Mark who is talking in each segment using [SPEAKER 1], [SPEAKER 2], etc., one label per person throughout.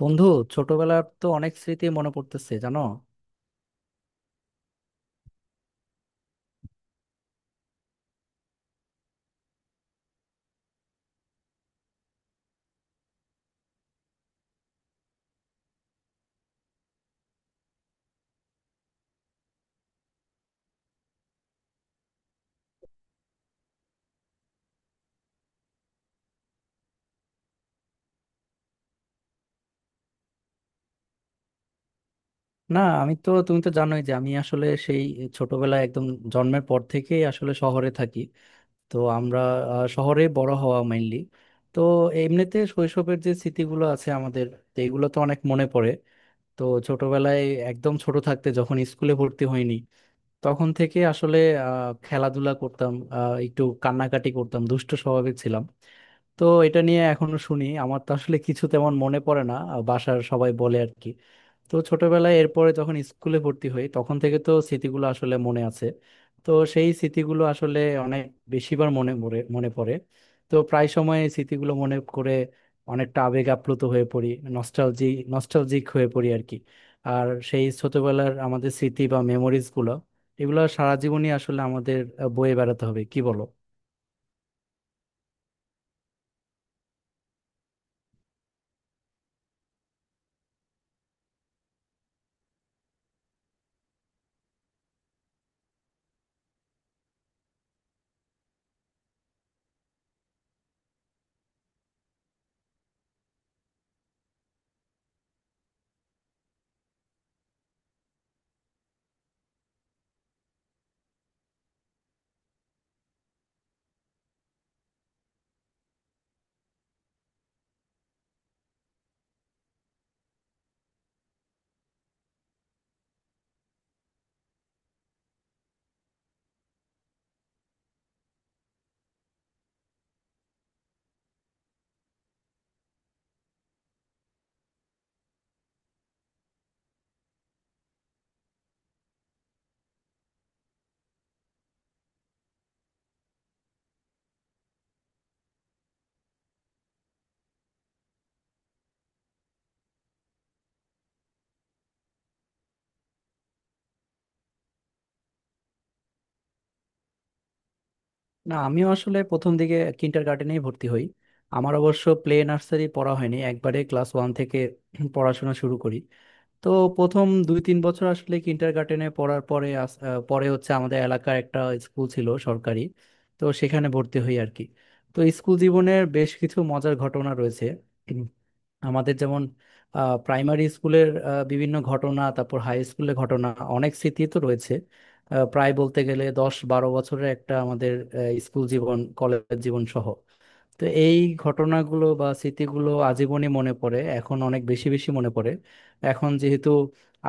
[SPEAKER 1] বন্ধু, ছোটবেলার তো অনেক স্মৃতি মনে পড়তেছে, জানো। না, আমি তো তুমি তো জানোই যে আমি আসলে সেই ছোটবেলায় একদম জন্মের পর থেকেই আসলে শহরে থাকি। তো আমরা শহরে বড় হওয়া মেইনলি। তো এমনিতে শৈশবের যে স্মৃতিগুলো আছে আমাদের, তো এগুলো তো অনেক মনে পড়ে। তো ছোটবেলায় একদম ছোট থাকতে যখন স্কুলে ভর্তি হইনি, তখন থেকে আসলে খেলাধুলা করতাম, একটু কান্নাকাটি করতাম, দুষ্ট স্বভাবের ছিলাম। তো এটা নিয়ে এখনো শুনি, আমার তো আসলে কিছু তেমন মনে পড়ে না, বাসার সবাই বলে আর কি। তো ছোটবেলায় এরপরে যখন স্কুলে ভর্তি হই, তখন থেকে তো স্মৃতিগুলো আসলে মনে আছে। তো সেই স্মৃতিগুলো আসলে অনেক বেশিবার মনে পড়ে। তো প্রায় সময় এই স্মৃতিগুলো মনে করে অনেকটা আবেগ আপ্লুত হয়ে পড়ি, নস্টালজি নস্টালজিক হয়ে পড়ি আর কি। আর সেই ছোটবেলার আমাদের স্মৃতি বা মেমোরিজগুলো, এগুলো সারা জীবনই আসলে আমাদের বয়ে বেড়াতে হবে, কি বলো? না, আমিও আসলে প্রথম দিকে কিন্ডারগার্টেনেই ভর্তি হই। আমার অবশ্য প্লে নার্সারি পড়া হয়নি, একবারে ক্লাস 1 থেকে পড়াশোনা শুরু করি। তো প্রথম 2-3 বছর আসলে কিন্ডারগার্টেনে পড়ার পরে পরে হচ্ছে আমাদের এলাকার একটা স্কুল ছিল সরকারি। তো সেখানে ভর্তি হই আর কি। তো স্কুল জীবনের বেশ কিছু মজার ঘটনা রয়েছে। উম, আমাদের যেমন প্রাইমারি স্কুলের বিভিন্ন ঘটনা, তারপর হাই স্কুলের ঘটনা, অনেক স্মৃতি তো রয়েছে। প্রায় বলতে গেলে 10-12 বছরের একটা আমাদের আহ, স্কুল জীবন কলেজ জীবন সহ। তো এই ঘটনাগুলো বা স্মৃতিগুলো আজীবনই মনে পড়ে, এখন অনেক বেশি বেশি মনে পড়ে। এখন যেহেতু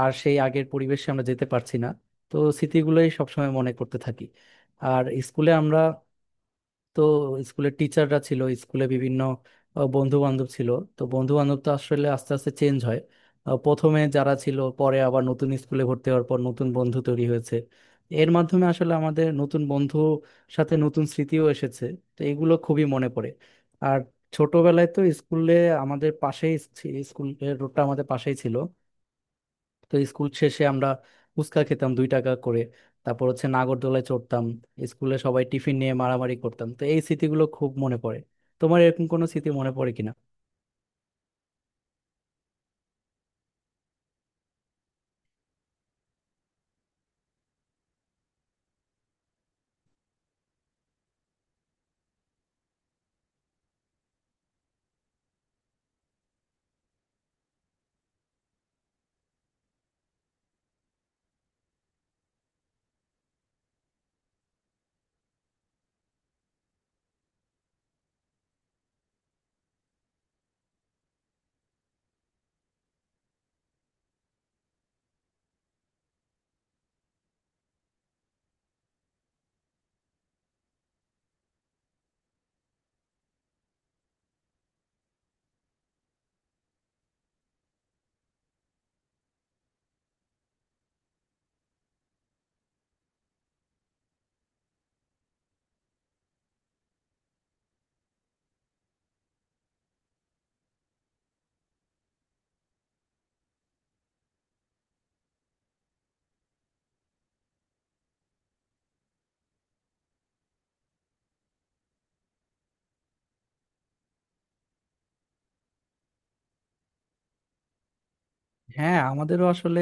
[SPEAKER 1] আর সেই আগের পরিবেশে আমরা যেতে পারছি না, তো স্মৃতিগুলোই সবসময় মনে করতে থাকি। আর স্কুলে আমরা, তো স্কুলের টিচাররা ছিল, স্কুলে বিভিন্ন বন্ধু বান্ধব ছিল। তো বন্ধু বান্ধব তো আসলে আস্তে আস্তে চেঞ্জ হয়। প্রথমে যারা ছিল, পরে আবার নতুন স্কুলে ভর্তি হওয়ার পর নতুন বন্ধু তৈরি হয়েছে। এর মাধ্যমে আসলে আমাদের নতুন বন্ধু, সাথে নতুন স্মৃতিও এসেছে। তো এগুলো খুবই মনে পড়ে। আর ছোটবেলায় তো স্কুলে আমাদের পাশেই, স্কুলের রোডটা আমাদের পাশেই ছিল। তো স্কুল শেষে আমরা ফুচকা খেতাম 2 টাকা করে, তারপর হচ্ছে নাগরদোলায় চড়তাম। স্কুলে সবাই টিফিন নিয়ে মারামারি করতাম, তো এই স্মৃতিগুলো খুব মনে পড়ে। তোমার এরকম কোনো স্মৃতি মনে পড়ে কিনা? হ্যাঁ, আমাদেরও আসলে,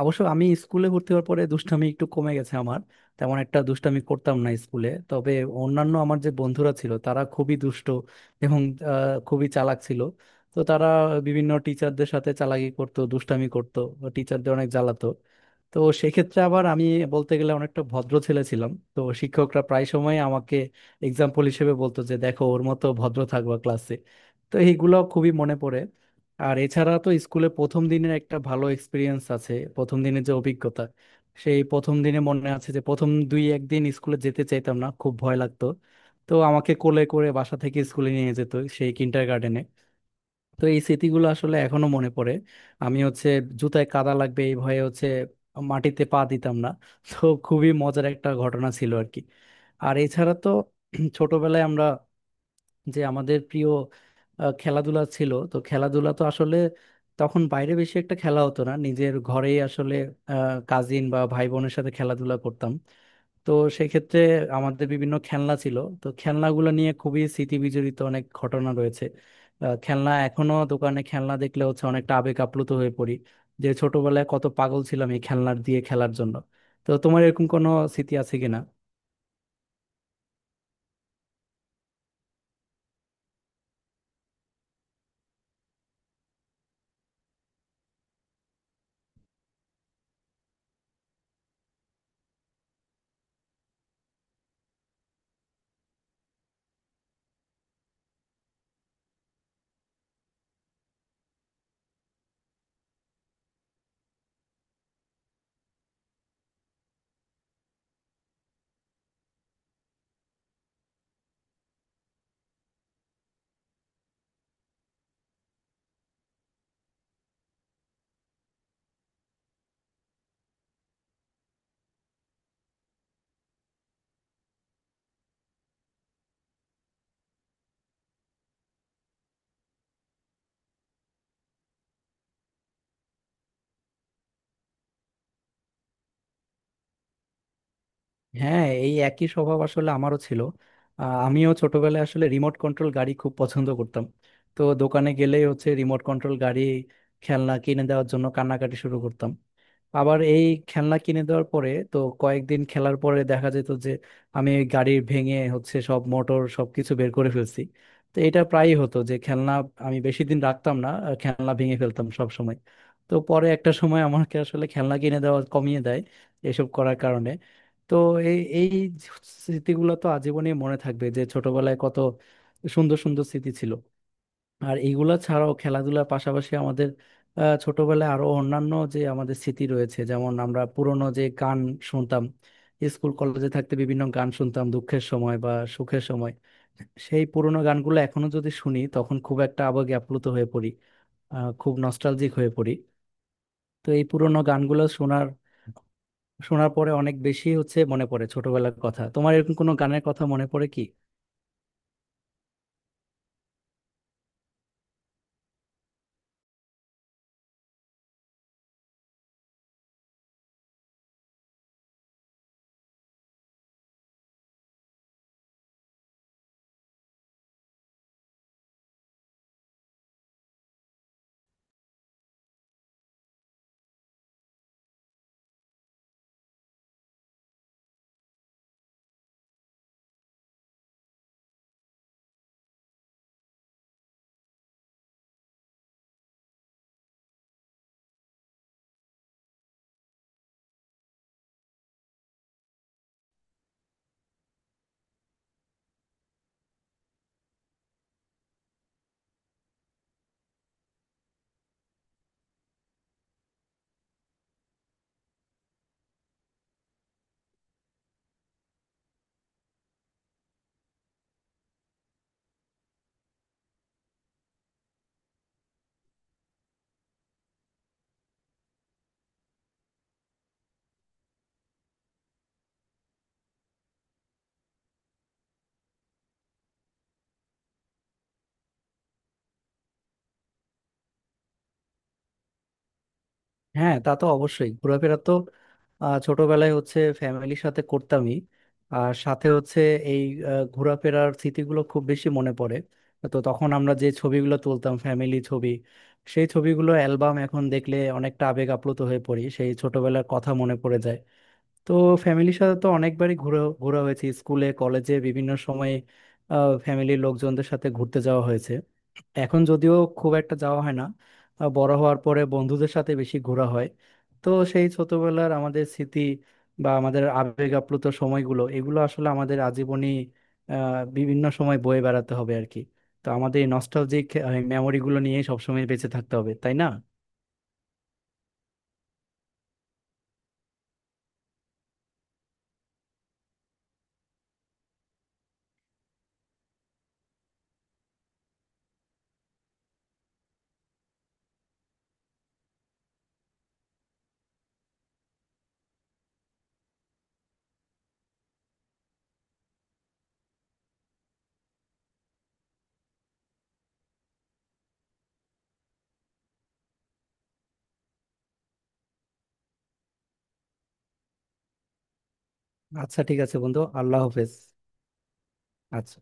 [SPEAKER 1] অবশ্য আমি স্কুলে ভর্তি হওয়ার পরে দুষ্টামি একটু কমে গেছে আমার, তেমন একটা দুষ্টামি করতাম না স্কুলে। তবে অন্যান্য আমার যে বন্ধুরা ছিল তারা খুবই দুষ্ট এবং আহ, খুবই চালাক ছিল। তো তারা বিভিন্ন টিচারদের সাথে চালাকি করতো, দুষ্টামি করতো, টিচারদের অনেক জ্বালাতো। তো সেক্ষেত্রে আবার আমি বলতে গেলে অনেকটা ভদ্র ছেলে ছিলাম, তো শিক্ষকরা প্রায় সময় আমাকে এক্সাম্পল হিসেবে বলতো যে দেখো, ওর মতো ভদ্র থাকবা ক্লাসে। তো এইগুলো খুবই মনে পড়ে। আর এছাড়া তো স্কুলে প্রথম দিনের একটা ভালো এক্সপিরিয়েন্স আছে, প্রথম দিনের যে অভিজ্ঞতা। সেই প্রথম দিনে মনে আছে যে প্রথম দুই একদিন স্কুলে যেতে চাইতাম না, খুব ভয় লাগতো। তো আমাকে কোলে করে বাসা থেকে স্কুলে নিয়ে যেত সেই কিন্ডার গার্ডেনে। তো এই স্মৃতিগুলো আসলে এখনো মনে পড়ে। আমি হচ্ছে জুতায় কাদা লাগবে এই ভয়ে হচ্ছে মাটিতে পা দিতাম না। তো খুবই মজার একটা ঘটনা ছিল আর কি। আর এছাড়া তো ছোটবেলায় আমরা, যে আমাদের প্রিয় খেলাধুলা ছিল, তো খেলাধুলা তো আসলে তখন বাইরে বেশি একটা খেলা হতো না, নিজের ঘরেই আসলে কাজিন বা ভাই বোনের সাথে খেলাধুলা করতাম। তো সেক্ষেত্রে আমাদের বিভিন্ন খেলনা ছিল, তো খেলনাগুলো নিয়ে খুবই স্মৃতি বিজড়িত অনেক ঘটনা রয়েছে। খেলনা এখনো দোকানে খেলনা দেখলে হচ্ছে অনেকটা আবেগ আপ্লুত হয়ে পড়ি, যে ছোটবেলায় কত পাগল ছিলাম এই খেলনার দিয়ে খেলার জন্য। তো তোমার এরকম কোনো স্মৃতি আছে কিনা? হ্যাঁ, এই একই স্বভাব আসলে আমারও ছিল। আমিও ছোটবেলায় আসলে রিমোট কন্ট্রোল গাড়ি খুব পছন্দ করতাম। তো দোকানে গেলেই হচ্ছে রিমোট কন্ট্রোল গাড়ি, খেলনা কিনে দেওয়ার জন্য কান্নাকাটি শুরু করতাম। আবার এই খেলনা কিনে দেওয়ার পরে তো কয়েকদিন খেলার পরে দেখা যেত যে আমি ওই গাড়ি ভেঙে হচ্ছে সব মোটর সবকিছু বের করে ফেলছি। তো এটা প্রায়ই হতো যে খেলনা আমি বেশি দিন রাখতাম না, আর খেলনা ভেঙে ফেলতাম সব সময়। তো পরে একটা সময় আমাকে আসলে খেলনা কিনে দেওয়া কমিয়ে দেয় এসব করার কারণে। তো এই এই স্মৃতিগুলো তো আজীবনই মনে থাকবে, যে ছোটবেলায় কত সুন্দর সুন্দর স্মৃতি ছিল। আর এইগুলা ছাড়াও খেলাধুলার পাশাপাশি আমাদের ছোটবেলায় আরো অন্যান্য যে আমাদের স্মৃতি রয়েছে, যেমন আমরা পুরনো যে গান শুনতাম। স্কুল কলেজে থাকতে বিভিন্ন গান শুনতাম দুঃখের সময় বা সুখের সময়। সেই পুরোনো গানগুলো এখনো যদি শুনি তখন খুব একটা আবেগে আপ্লুত হয়ে পড়ি, খুব নস্টালজিক হয়ে পড়ি। তো এই পুরোনো গানগুলো শোনার শোনার পরে অনেক বেশি হচ্ছে মনে পড়ে ছোটবেলার কথা। তোমার এরকম কোনো গানের কথা মনে পড়ে কি? হ্যাঁ, তা তো অবশ্যই, ঘোরাফেরা তো ছোটবেলায় হচ্ছে ফ্যামিলির সাথে করতামই। আর সাথে হচ্ছে এই ঘোরাফেরার স্মৃতিগুলো খুব বেশি মনে পড়ে। তো তখন আমরা যে ছবিগুলো তুলতাম, ফ্যামিলি ছবি, সেই ছবিগুলো অ্যালবাম এখন দেখলে অনেকটা আবেগ আপ্লুত হয়ে পড়ি, সেই ছোটবেলার কথা মনে পড়ে যায়। তো ফ্যামিলির সাথে তো অনেকবারই ঘোরা ঘোরা হয়েছে, স্কুলে কলেজে বিভিন্ন সময়ে ফ্যামিলির লোকজনদের সাথে ঘুরতে যাওয়া হয়েছে। এখন যদিও খুব একটা যাওয়া হয় না, বড় হওয়ার পরে বন্ধুদের সাথে বেশি ঘোরা হয়। তো সেই ছোটবেলার আমাদের স্মৃতি বা আমাদের আবেগ আপ্লুত সময়গুলো, এগুলো আসলে আমাদের আজীবনই বিভিন্ন সময় বয়ে বেড়াতে হবে আর কি। তো আমাদের এই নস্টালজিক মেমোরিগুলো নিয়েই সবসময় বেঁচে থাকতে হবে, তাই না? আচ্ছা, ঠিক আছে বন্ধু, আল্লাহ হাফেজ। আচ্ছা।